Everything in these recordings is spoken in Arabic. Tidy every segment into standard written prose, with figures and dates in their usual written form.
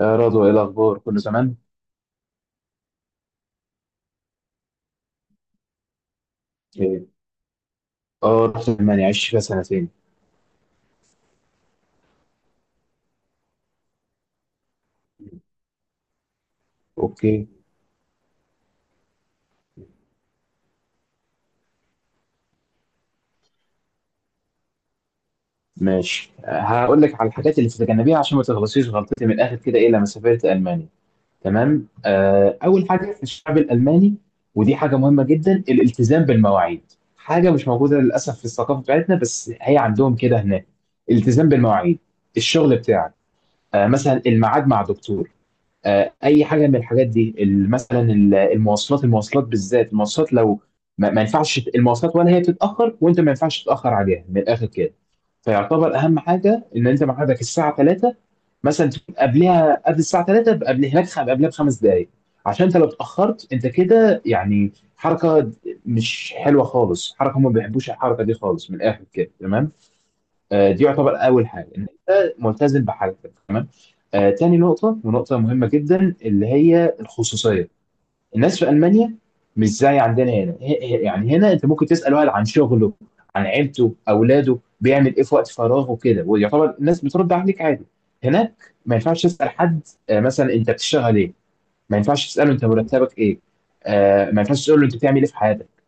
يا رضوى، ايه الاخبار؟ كله تمام؟ ايه. اه، رحت المانيا، عشت فيها سنتين. اوكي، ماشي. هقول لك على الحاجات اللي تتجنبيها عشان ما تغلطيش غلطتي، من الاخر كده، ايه لما سافرت المانيا. تمام. اول حاجه في الشعب الالماني، ودي حاجه مهمه جدا، الالتزام بالمواعيد. حاجه مش موجوده للاسف في الثقافه بتاعتنا، بس هي عندهم كده هناك. الالتزام بالمواعيد، الشغل بتاعك. مثلا الميعاد مع دكتور، اي حاجه من الحاجات دي. مثلا المواصلات، المواصلات بالذات. المواصلات لو ما ينفعش المواصلات، ولا هي بتتاخر وانت ما ينفعش تتاخر عليها، من الاخر كده. فيعتبر اهم حاجه ان انت ميعادك الساعه 3، مثلا تكون قبلها، قبل الساعه 3، قبل هناك قبلها بـ5 دقائق. عشان انت لو اتاخرت انت كده يعني حركه مش حلوه خالص. حركه هم ما بيحبوش الحركه دي خالص، من الاخر كده. تمام. دي يعتبر اول حاجه ان انت ملتزم بحاجتك. تمام. تاني نقطه، ونقطه مهمه جدا، اللي هي الخصوصيه. الناس في المانيا مش زي عندنا هنا. يعني هنا انت ممكن تسال واحد عن شغله، عن عيلته، اولاده، بيعمل ايه في وقت فراغه كده، ويعتبر الناس بترد عليك عادي. هناك ما ينفعش تسال حد. مثلا انت بتشتغل ايه، ما ينفعش تساله انت مرتبك ايه، ما ينفعش تساله انت بتعمل ايه في حياتك.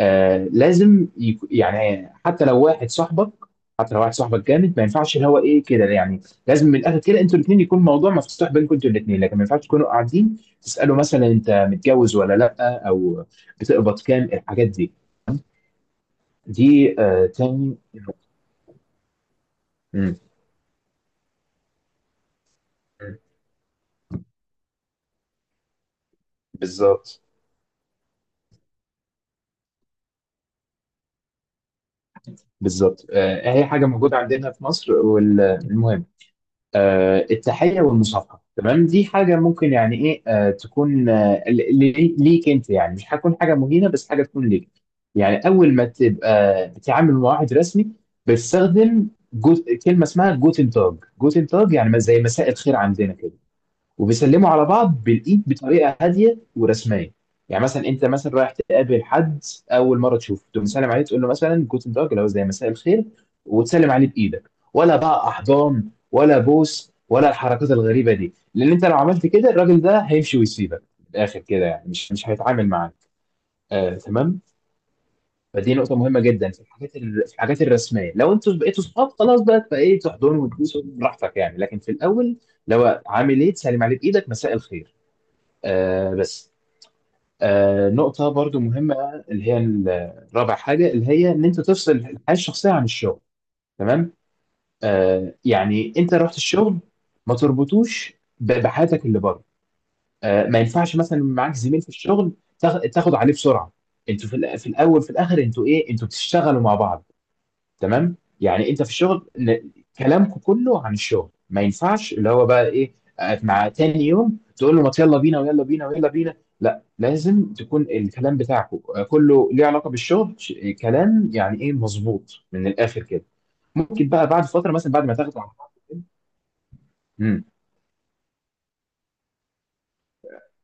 لازم يعني حتى لو واحد صاحبك، حتى لو واحد صاحبك جامد، ما ينفعش اللي هو ايه كده يعني. لازم من الاخر كده انتوا الاثنين يكون الموضوع مفتوح بينكم انتوا الاثنين، لكن ما ينفعش تكونوا قاعدين تسالوا مثلا انت متجوز ولا لا، او بتقبض كام، الحاجات دي. دي تاني. مم. بالظبط. بالظبط. هي حاجه موجوده عندنا في مصر، والمهم، التحية والمصافحة. تمام، دي حاجة ممكن يعني ايه، تكون، ليك انت يعني، مش هتكون حاجة مهينة، بس حاجة تكون ليك. يعني اول ما تبقى بتتعامل مع واحد رسمي، بتستخدم جزء كلمة اسمها جوتن تاج. جوتن تاج يعني زي مساء الخير عندنا كده. وبيسلموا على بعض بالايد بطريقه هاديه ورسميه. يعني مثلا انت مثلا رايح تقابل حد، اول مره تشوفه تقوم مسلم عليه، تقول له مثلا جوتن تاج اللي هو زي مساء الخير، وتسلم عليه بايدك. ولا بقى احضان ولا بوس ولا الحركات الغريبه دي، لان انت لو عملت كده الراجل ده هيمشي ويسيبك، من الاخر كده يعني مش هيتعامل معاك. تمام. فدي نقطه مهمه جدا في الحاجات في الحاجات الرسميه. لو انتوا بقيتوا صحاب خلاص بقى، فايه، تحضنوا وتبوسوا براحتك يعني، لكن في الاول لو عامل ايه، تسلم عليه بايدك، مساء الخير. بس. نقطة برضو مهمة، اللي هي الرابع حاجة، اللي هي إن أنت تفصل الحياة الشخصية عن الشغل. تمام. يعني أنت رحت الشغل، ما تربطوش بحياتك اللي بره. ما ينفعش مثلا معاك زميل في الشغل تاخد عليه بسرعة. أنتوا في في الأول، في الآخر أنتوا إيه، أنتوا بتشتغلوا مع بعض. تمام. يعني انت في الشغل كلامكم كله عن الشغل. ما ينفعش اللي هو بقى ايه، مع تاني يوم تقول له ما يلا بينا ويلا بينا ويلا بينا. لا، لازم تكون الكلام بتاعكم كله ليه علاقه بالشغل. كلام يعني ايه مظبوط، من الاخر كده. ممكن بقى بعد فتره، مثلا بعد ما تاخدوا على بعض كده.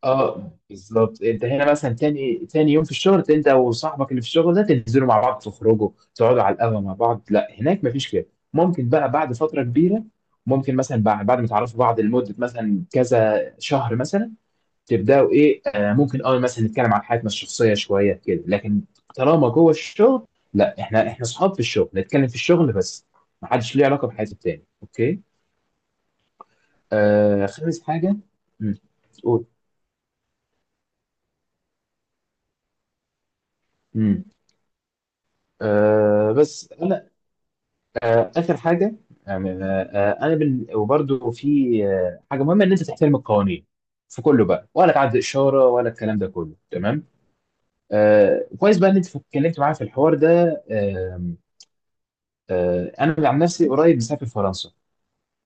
اه بالظبط. انت هنا مثلا تاني تاني يوم في الشغل انت وصاحبك اللي في الشغل ده، تنزلوا مع بعض، تخرجوا، تقعدوا على القهوه مع بعض. لا، هناك مفيش كده. ممكن بقى بعد فتره كبيره، ممكن مثلا بعد ما تعرفوا بعض لمده مثلا كذا شهر مثلا، تبداوا ايه، ممكن اه مثلا نتكلم عن حياتنا الشخصيه شويه كده، لكن طالما جوه الشغل، لا، احنا احنا اصحاب في الشغل، نتكلم في الشغل بس. محدش ليه علاقه بحياه التاني. اوكي. خامس حاجه. امم قول. امم آه بس انا اخر حاجه يعني، انا وبرده في حاجه مهمه ان انت تحترم القوانين في كله بقى، ولا تعدي اشاره، ولا الكلام ده كله. تمام. كويس بقى ان انت اتكلمت معايا في الحوار ده. آه انا عن نفسي قريب مسافر فرنسا،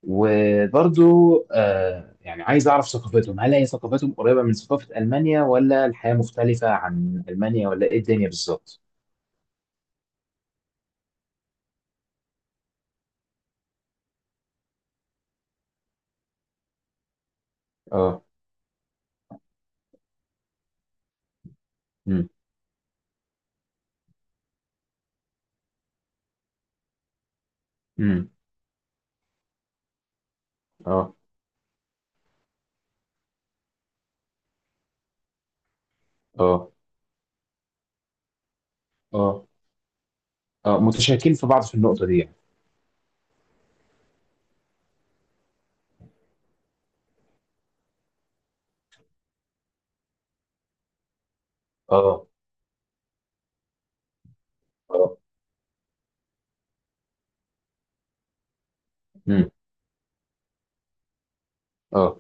وبرضو يعني عايز اعرف ثقافتهم، هل هي ثقافتهم قريبه من ثقافه المانيا، ولا الحياه مختلفه عن المانيا، ولا ايه الدنيا بالظبط. اه. امم امم. اه اه اه اه، متشاركين في بعض في النقطه دي يعني. اه. اه. امم اه.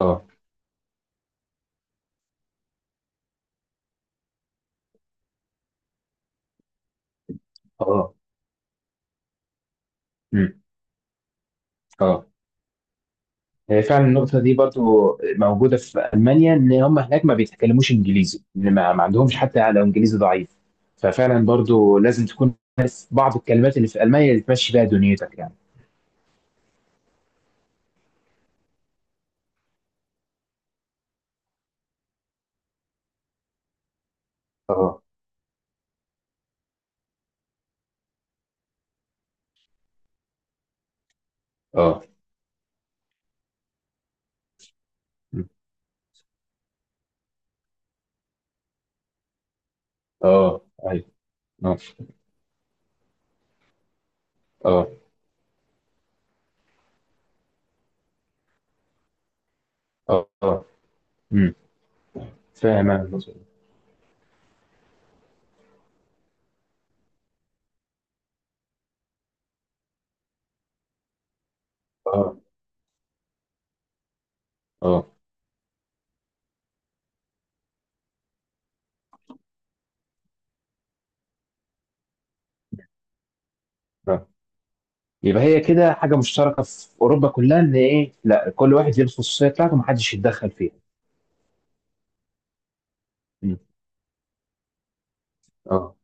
اه. اه. امم اه، هي فعلا النقطة دي برضو موجودة في ألمانيا، إن هم هناك ما بيتكلموش إنجليزي. إن ما عندهمش، حتى لو إنجليزي ضعيف. ففعلا برضو لازم تكون عارف بعض الكلمات اللي في ألمانيا اللي تمشي بيها دنيتك يعني. اه. اه. مم. اه. أيوه. اه. اه. اه. اه. امم فاهم أنا النقطة دي. اه. اه. آه. يبقى هي كده حاجة مشتركة في أوروبا كلها، إن إيه، لا، كل واحد ليه الخصوصية بتاعته، محدش يتدخل فيها. اه.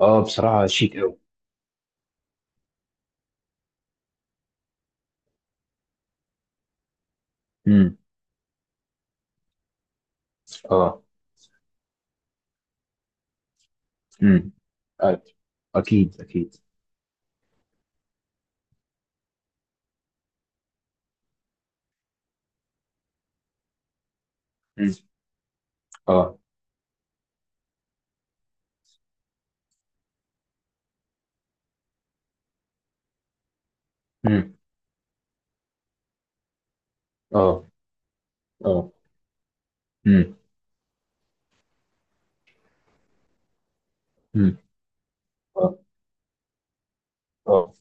اه بصراحة شيك قوي. امم اه. امم آه. اكيد اكيد. امم اه. امم اه. اه. امم امم اه اه،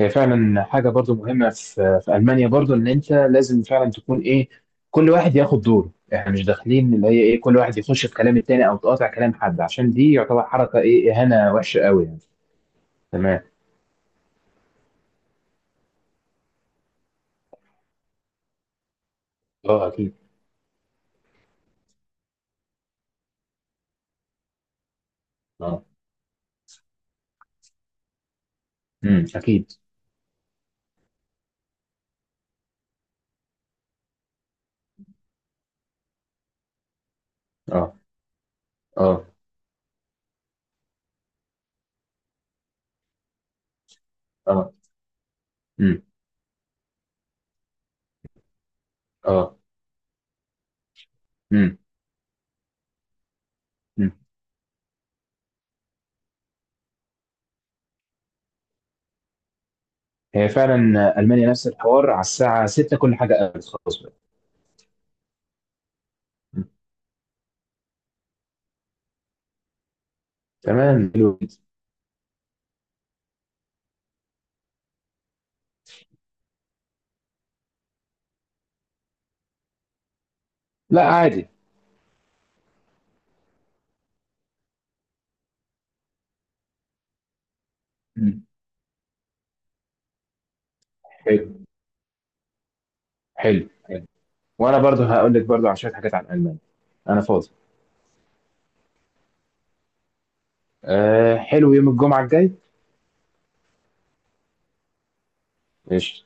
هي فعلا حاجة برضو مهمة في في ألمانيا برضو، إن أنت لازم فعلا تكون إيه، كل واحد ياخد دوره. إحنا مش داخلين اللي هي إيه، كل واحد يخش في كلام التاني، أو تقاطع كلام حد، عشان دي يعتبر حركة إيه، إهانة وحشة قوي يعني. تمام. اه أكيد. اه. أكيد. اه. اه. اه. امم اه. امم أمم. هي فعلا المانيا نفس الحوار، على الساعه 6 كل حاجه قفلت خلاص بقى. م. تمام، حلو جدا. لا عادي. م. حلو حلو. حلو، وانا برضو هقول لك برضو عن شويه حاجات عن المانيا. انا فاضي. أه حلو، يوم الجمعه الجاي. قشطه.